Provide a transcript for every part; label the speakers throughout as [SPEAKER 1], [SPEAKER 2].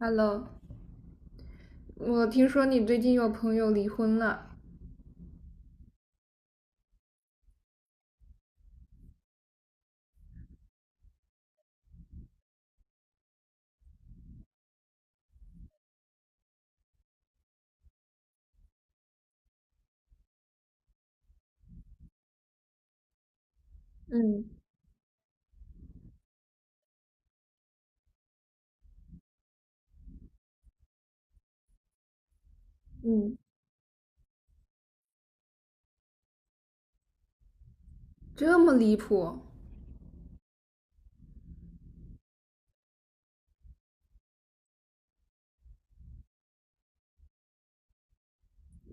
[SPEAKER 1] Hello，我听说你最近有朋友离婚了。嗯嗯，这么离谱？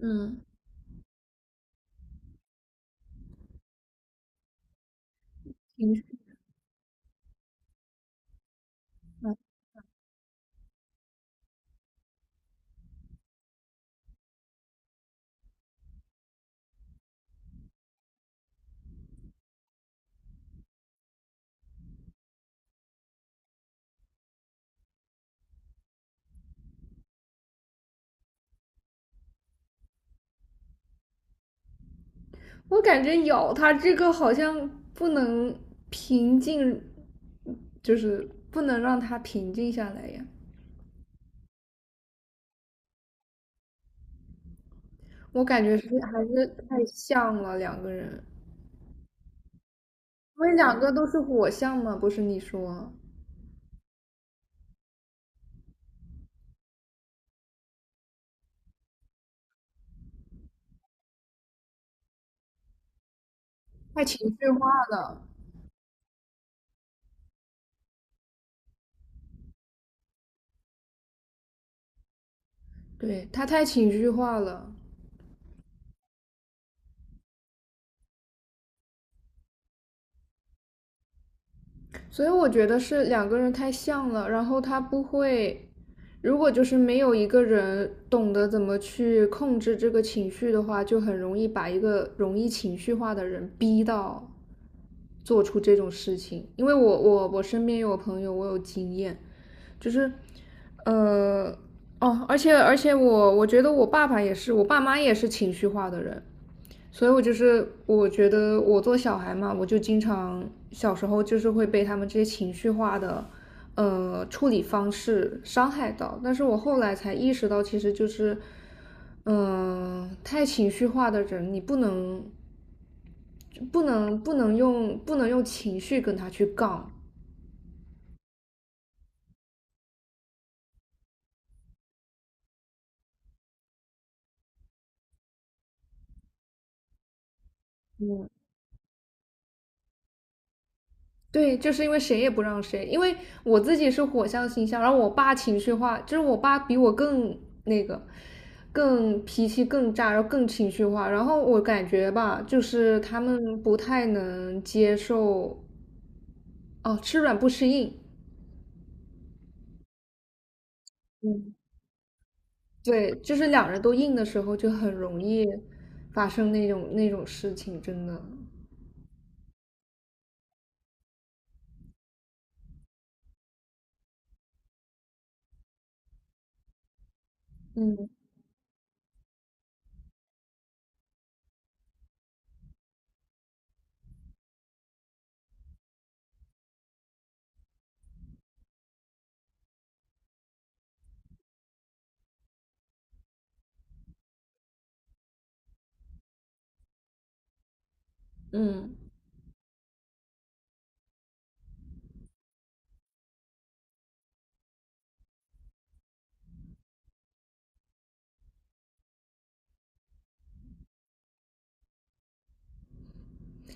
[SPEAKER 1] 嗯，挺。嗯我感觉咬他这个好像不能平静，就是不能让他平静下来呀。我感觉是还是太像了两个人，因为两个都是火象嘛，不是你说太情绪化了。对，他太情绪化了。所以我觉得是两个人太像了，然后他不会，如果就是没有一个人懂得怎么去控制这个情绪的话，就很容易把一个容易情绪化的人逼到做出这种事情。因为我身边有朋友，我有经验，就是，呃，哦，而且我觉得我爸爸也是，我爸妈也是情绪化的人，所以我就是我觉得我做小孩嘛，我就经常小时候就是会被他们这些情绪化的处理方式伤害到。但是我后来才意识到，其实就是太情绪化的人，你不能用情绪跟他去杠。嗯，对，就是因为谁也不让谁。因为我自己是火象星象，然后我爸情绪化，就是我爸比我更那个，更脾气更炸，然后更情绪化。然后我感觉吧，就是他们不太能接受，哦，吃软不吃硬。嗯，对，就是两人都硬的时候就很容易发生那种事情，真的。嗯。嗯，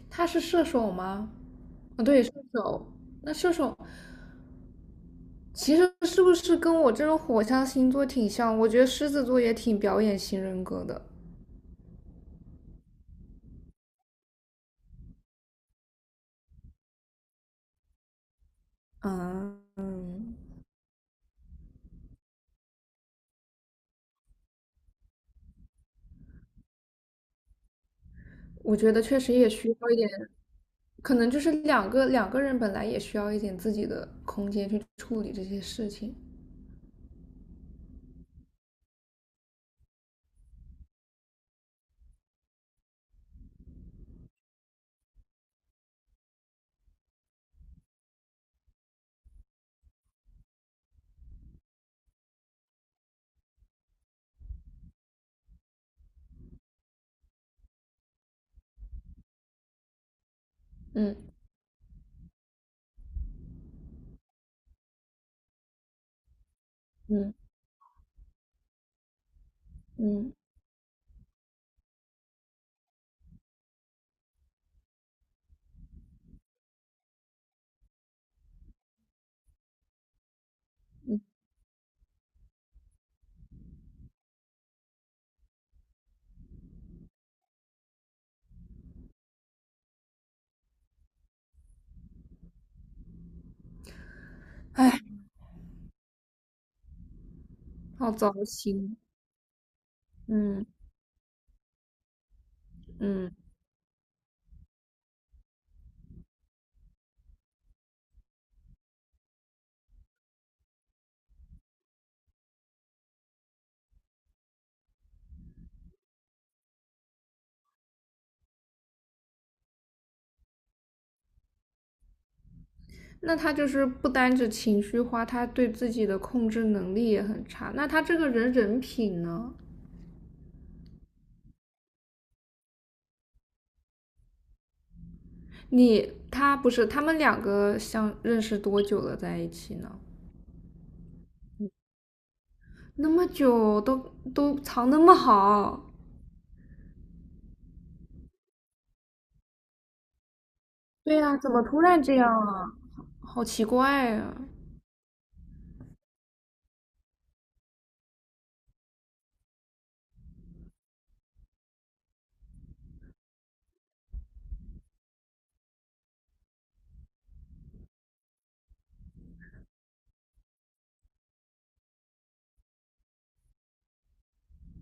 [SPEAKER 1] 他是射手吗？啊，对，射手，那射手。其实是不是跟我这种火象星座挺像？我觉得狮子座也挺表演型人格的。嗯嗯，我觉得确实也需要一点，可能就是两个人本来也需要一点自己的空间去处理这些事情。嗯嗯嗯。哎，好糟心。嗯嗯，那他就是不单指情绪化，他对自己的控制能力也很差。那他这个人人品呢？你他不是他们两个相认识多久了在一起呢？那么久都都藏那么好。对呀，怎么突然这样啊？好奇怪啊！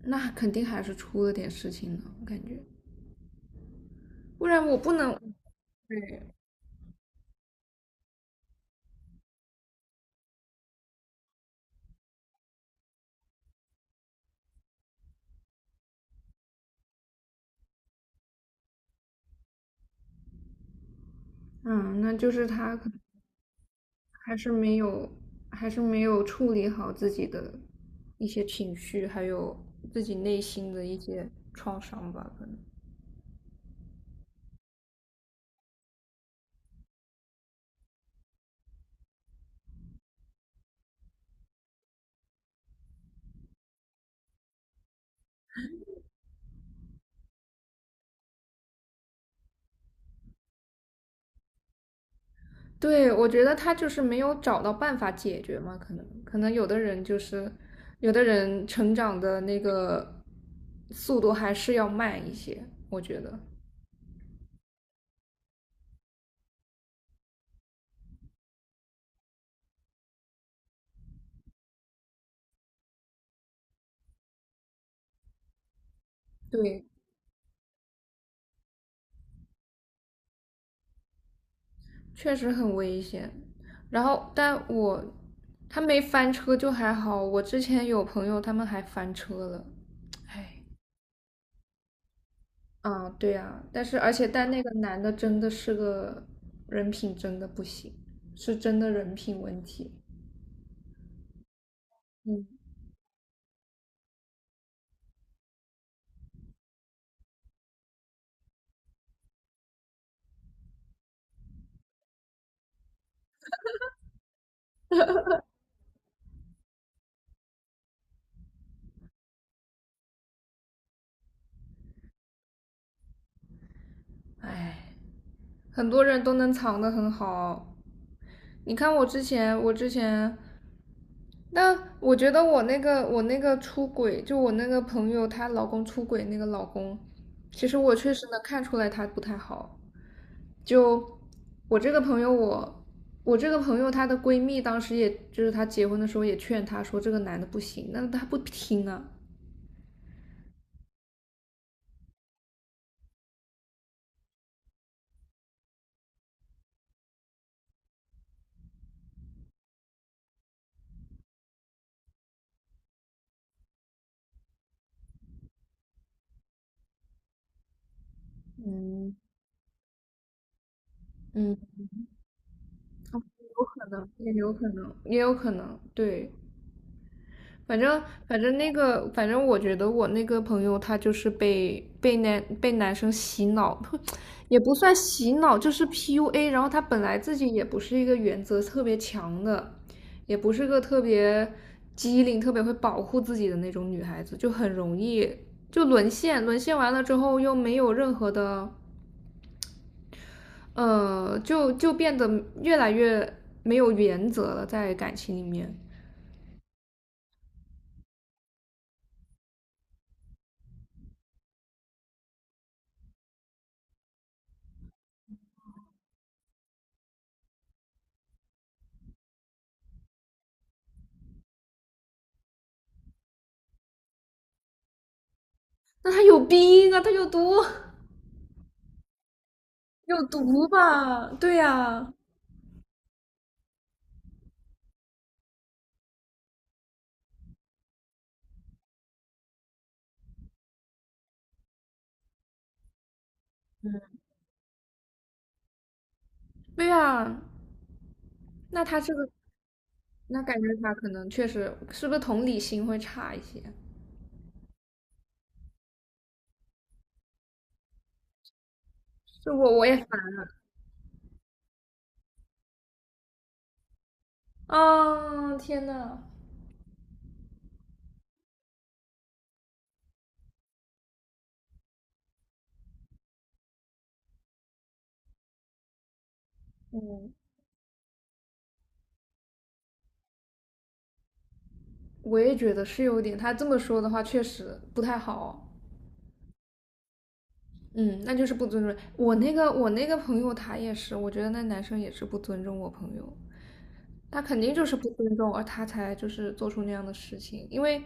[SPEAKER 1] 那肯定还是出了点事情呢，我感觉，不然我不能。对。嗯，那就是他可能还是没有，还是没有处理好自己的一些情绪，还有自己内心的一些创伤吧，可能。对，我觉得他就是没有找到办法解决嘛。可能有的人就是，有的人成长的那个速度还是要慢一些，我觉得。对，确实很危险。然后，但我他没翻车就还好，我之前有朋友他们还翻车了。哎。啊，对呀，但是而且但那个男的真的是个人品真的不行，是真的人品问题。嗯。哎。很多人都能藏得很好。你看我之前，我之前，但我觉得我那个出轨，就我那个朋友她老公出轨那个老公，其实我确实能看出来他不太好。就我这个朋友我。我这个朋友，她的闺蜜当时也就是她结婚的时候也劝她说这个男的不行，但是她不听啊。嗯嗯，有可能，也有可能，也有可能，对。反正我觉得我那个朋友他就是被男生洗脑，也不算洗脑，就是 PUA。然后他本来自己也不是一个原则特别强的，也不是个特别机灵、特别会保护自己的那种女孩子，就很容易就沦陷。沦陷完了之后又没有任何的，就变得越来越没有原则了，在感情里面。那他有病啊，他有毒！有毒吧？对呀，对呀，那他这个，那感觉他可能确实是不是同理心会差一些？是我我也啊，天呐。嗯，我也觉得是有点，他这么说的话确实不太好。嗯，那就是不尊重。我那个朋友他也是，我觉得那男生也是不尊重我朋友。他肯定就是不尊重，而他才就是做出那样的事情，因为，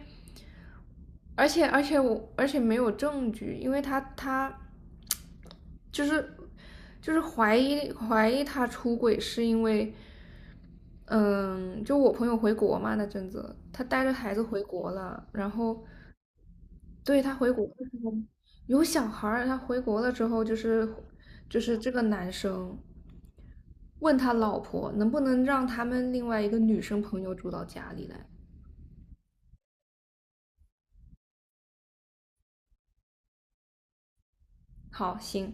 [SPEAKER 1] 而且没有证据，因为他就是怀疑他出轨是因为，嗯，就我朋友回国嘛那阵子，他带着孩子回国了，然后对他回国的时候有小孩儿，他回国了之后就是这个男生。问他老婆能不能让他们另外一个女生朋友住到家里来。好，行，